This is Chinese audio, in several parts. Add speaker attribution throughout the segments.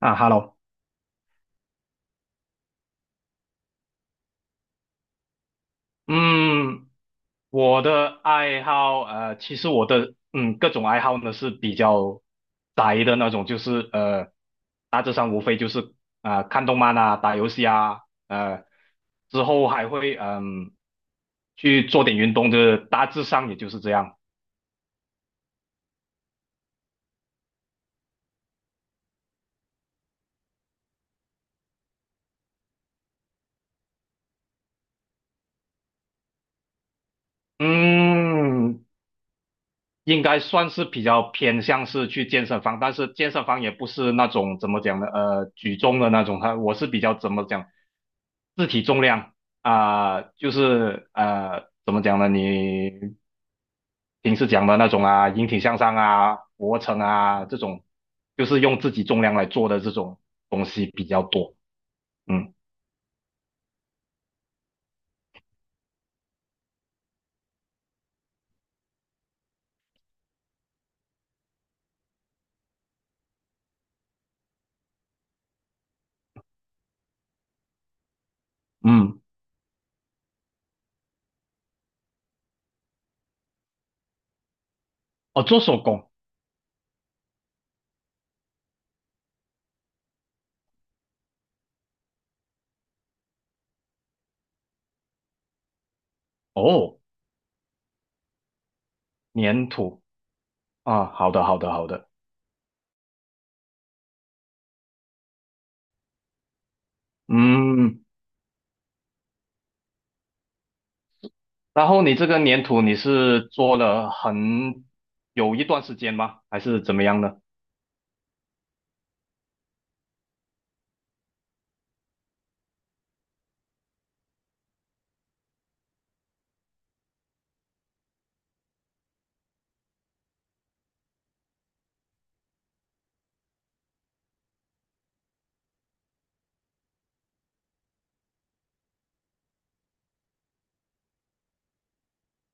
Speaker 1: 啊，Hello，嗯，我的爱好，其实我的各种爱好呢是比较宅的那种，就是大致上无非就是看动漫啊、打游戏啊，呃，之后还会去做点运动，就是大致上也就是这样。嗯，应该算是比较偏向是去健身房，但是健身房也不是那种怎么讲呢，举重的那种，它我是比较怎么讲，自体重量啊、就是怎么讲呢，你平时讲的那种啊，引体向上啊，俯卧撑啊这种，就是用自己重量来做的这种东西比较多。嗯嗯。哦，做手工。哦，粘土啊，好的好的好的。嗯。然后你这个粘土你是做了有一段时间吗？还是怎么样呢？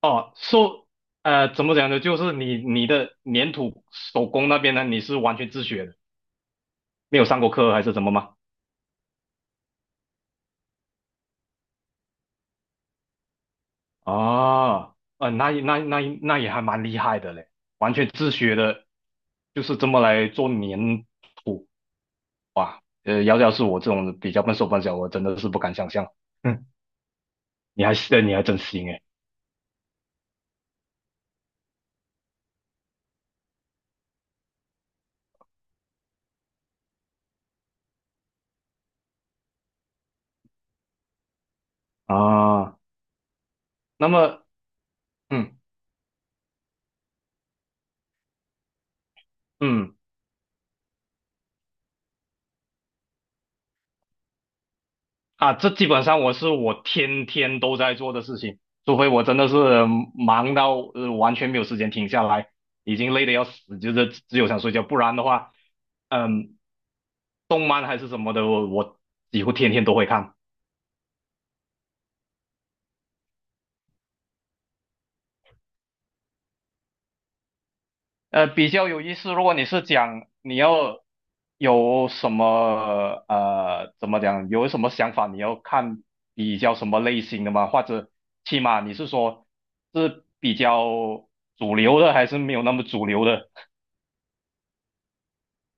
Speaker 1: 哦，怎么讲呢？就是你的粘土手工那边呢，你是完全自学的，没有上过课还是怎么吗？哦，那也还蛮厉害的嘞，完全自学的，就是这么来做粘土。要是我这种比较笨手笨脚，我真的是不敢想象。嗯，你还真行诶。啊，那么嗯嗯。啊，这基本上我天天都在做的事情，除非我真的是忙到完全没有时间停下来，已经累得要死，就是只有想睡觉。不然的话，嗯，动漫还是什么的，我几乎天天都会看。比较有意思。如果你是讲你要有什么怎么讲，有什么想法，你要看比较什么类型的吗？或者起码你是说是比较主流的，还是没有那么主流的？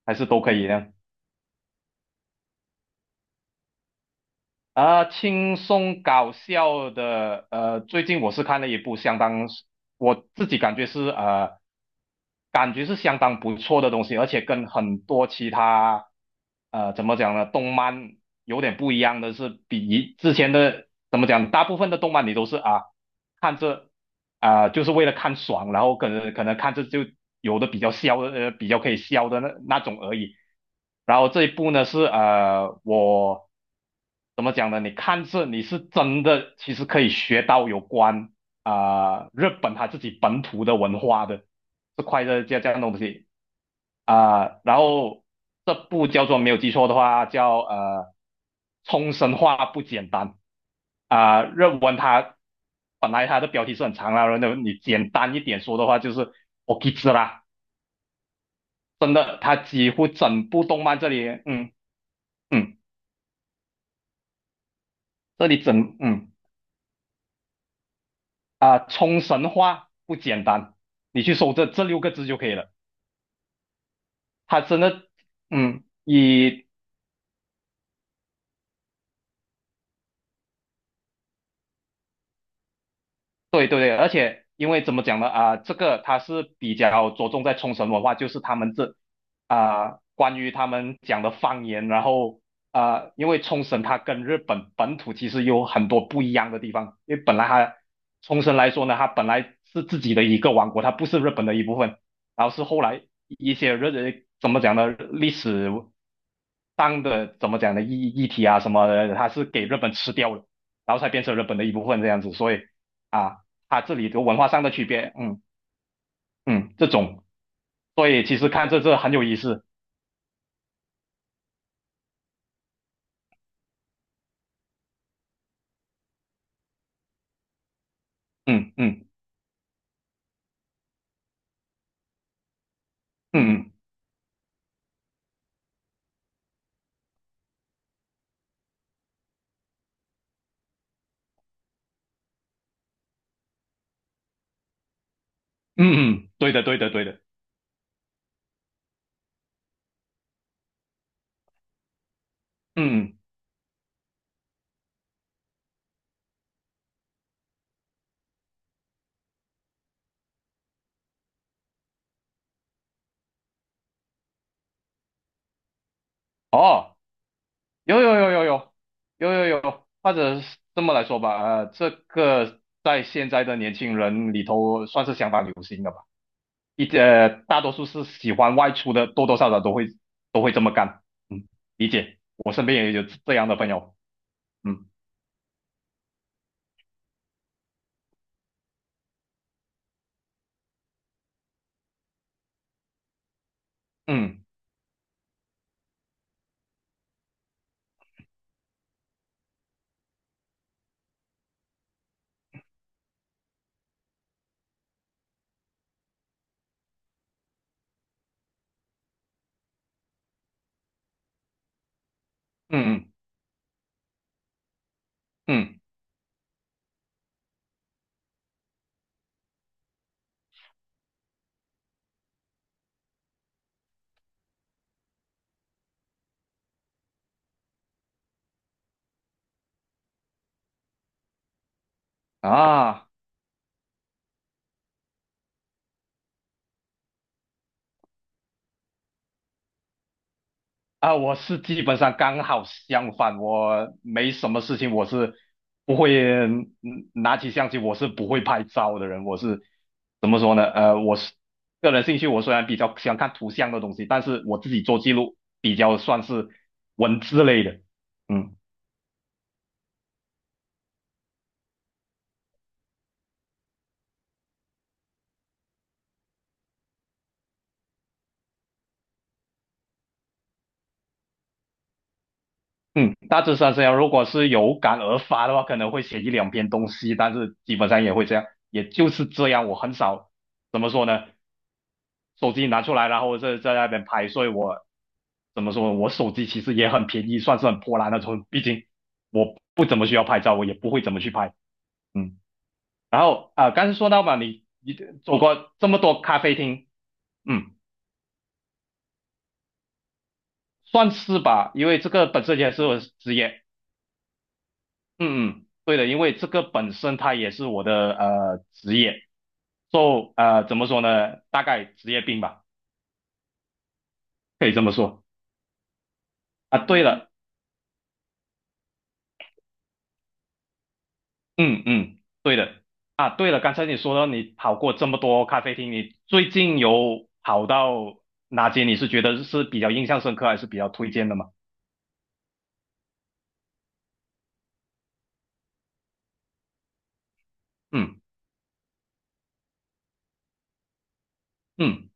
Speaker 1: 还是都可以呢？啊，轻松搞笑的。最近我是看了一部相当，我自己感觉是相当不错的东西，而且跟很多其他怎么讲呢，动漫有点不一样的是，比以之前的怎么讲，大部分的动漫你都是啊看着啊、就是为了看爽，然后可能看着就有的比较可以笑的那种而已。然后这一部呢是我怎么讲呢？你看这你是真的其实可以学到有关日本它自己本土的文化的，这块的这样的东西。然后这部叫做没有记错的话叫冲绳话不简单。日文它本来它的标题是很长啦，然后你简单一点说的话就是 OKI 啦。真的它几乎整部动漫这里嗯这里整嗯冲绳话不简单，你去搜这六个字就可以了。它真的。嗯以对对对，而且因为怎么讲呢？这个它是比较着重在冲绳文化，就是他们关于他们讲的方言。然后因为冲绳它跟日本本土其实有很多不一样的地方，因为本来它，冲绳来说呢，它本来是自己的一个王国，它不是日本的一部分，然后是后来一些怎么讲呢？历史当的怎么讲呢议题啊什么的，它是给日本吃掉了，然后才变成日本的一部分这样子，所以啊，它这里的文化上的区别。嗯嗯。这种，所以其实看这很有意思。嗯嗯嗯嗯嗯嗯，对的对的对的。嗯嗯。哦，有有有有有有有有，或者是这么来说吧。这个在现在的年轻人里头算是相当流行的吧。大多数是喜欢外出的，多多少少都会这么干。嗯，理解，我身边也有这样的朋友。嗯嗯嗯嗯嗯啊我是基本上刚好相反，我没什么事情，我是不会拿起相机，我是不会拍照的人，我是怎么说呢？我是个人兴趣，我虽然比较喜欢看图像的东西，但是我自己做记录比较算是文字类的。嗯。嗯，大致上这样。如果是有感而发的话，可能会写一两篇东西，但是基本上也会这样，也就是这样。我很少怎么说呢，手机拿出来，然后在那边拍，所以我怎么说，我手机其实也很便宜，算是很破烂那种。毕竟我不怎么需要拍照，我也不会怎么去拍。嗯，然后刚才说到嘛，你走过这么多咖啡厅。嗯，算是吧，因为这个本身也是我的职业。嗯嗯，对的，因为这个本身它也是我的职业，就怎么说呢，大概职业病吧，可以这么说啊。对了。嗯嗯，对的啊。对了，刚才你说到你跑过这么多咖啡厅，你最近有跑到哪间？你是觉得是比较印象深刻，还是比较推荐的吗？嗯嗯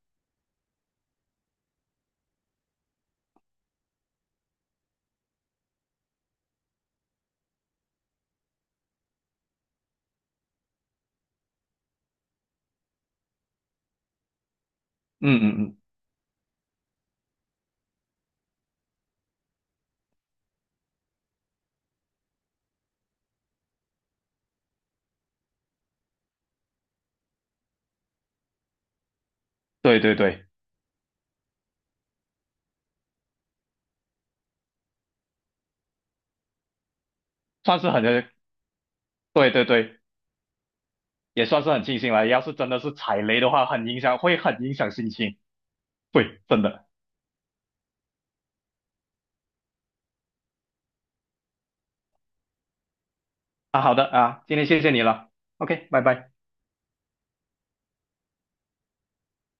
Speaker 1: 嗯嗯嗯，对对对。算是很对对对，也算是很庆幸了。要是真的是踩雷的话，很影响，会很影响心情。对，真的。啊，好的啊，今天谢谢你了，OK，拜拜。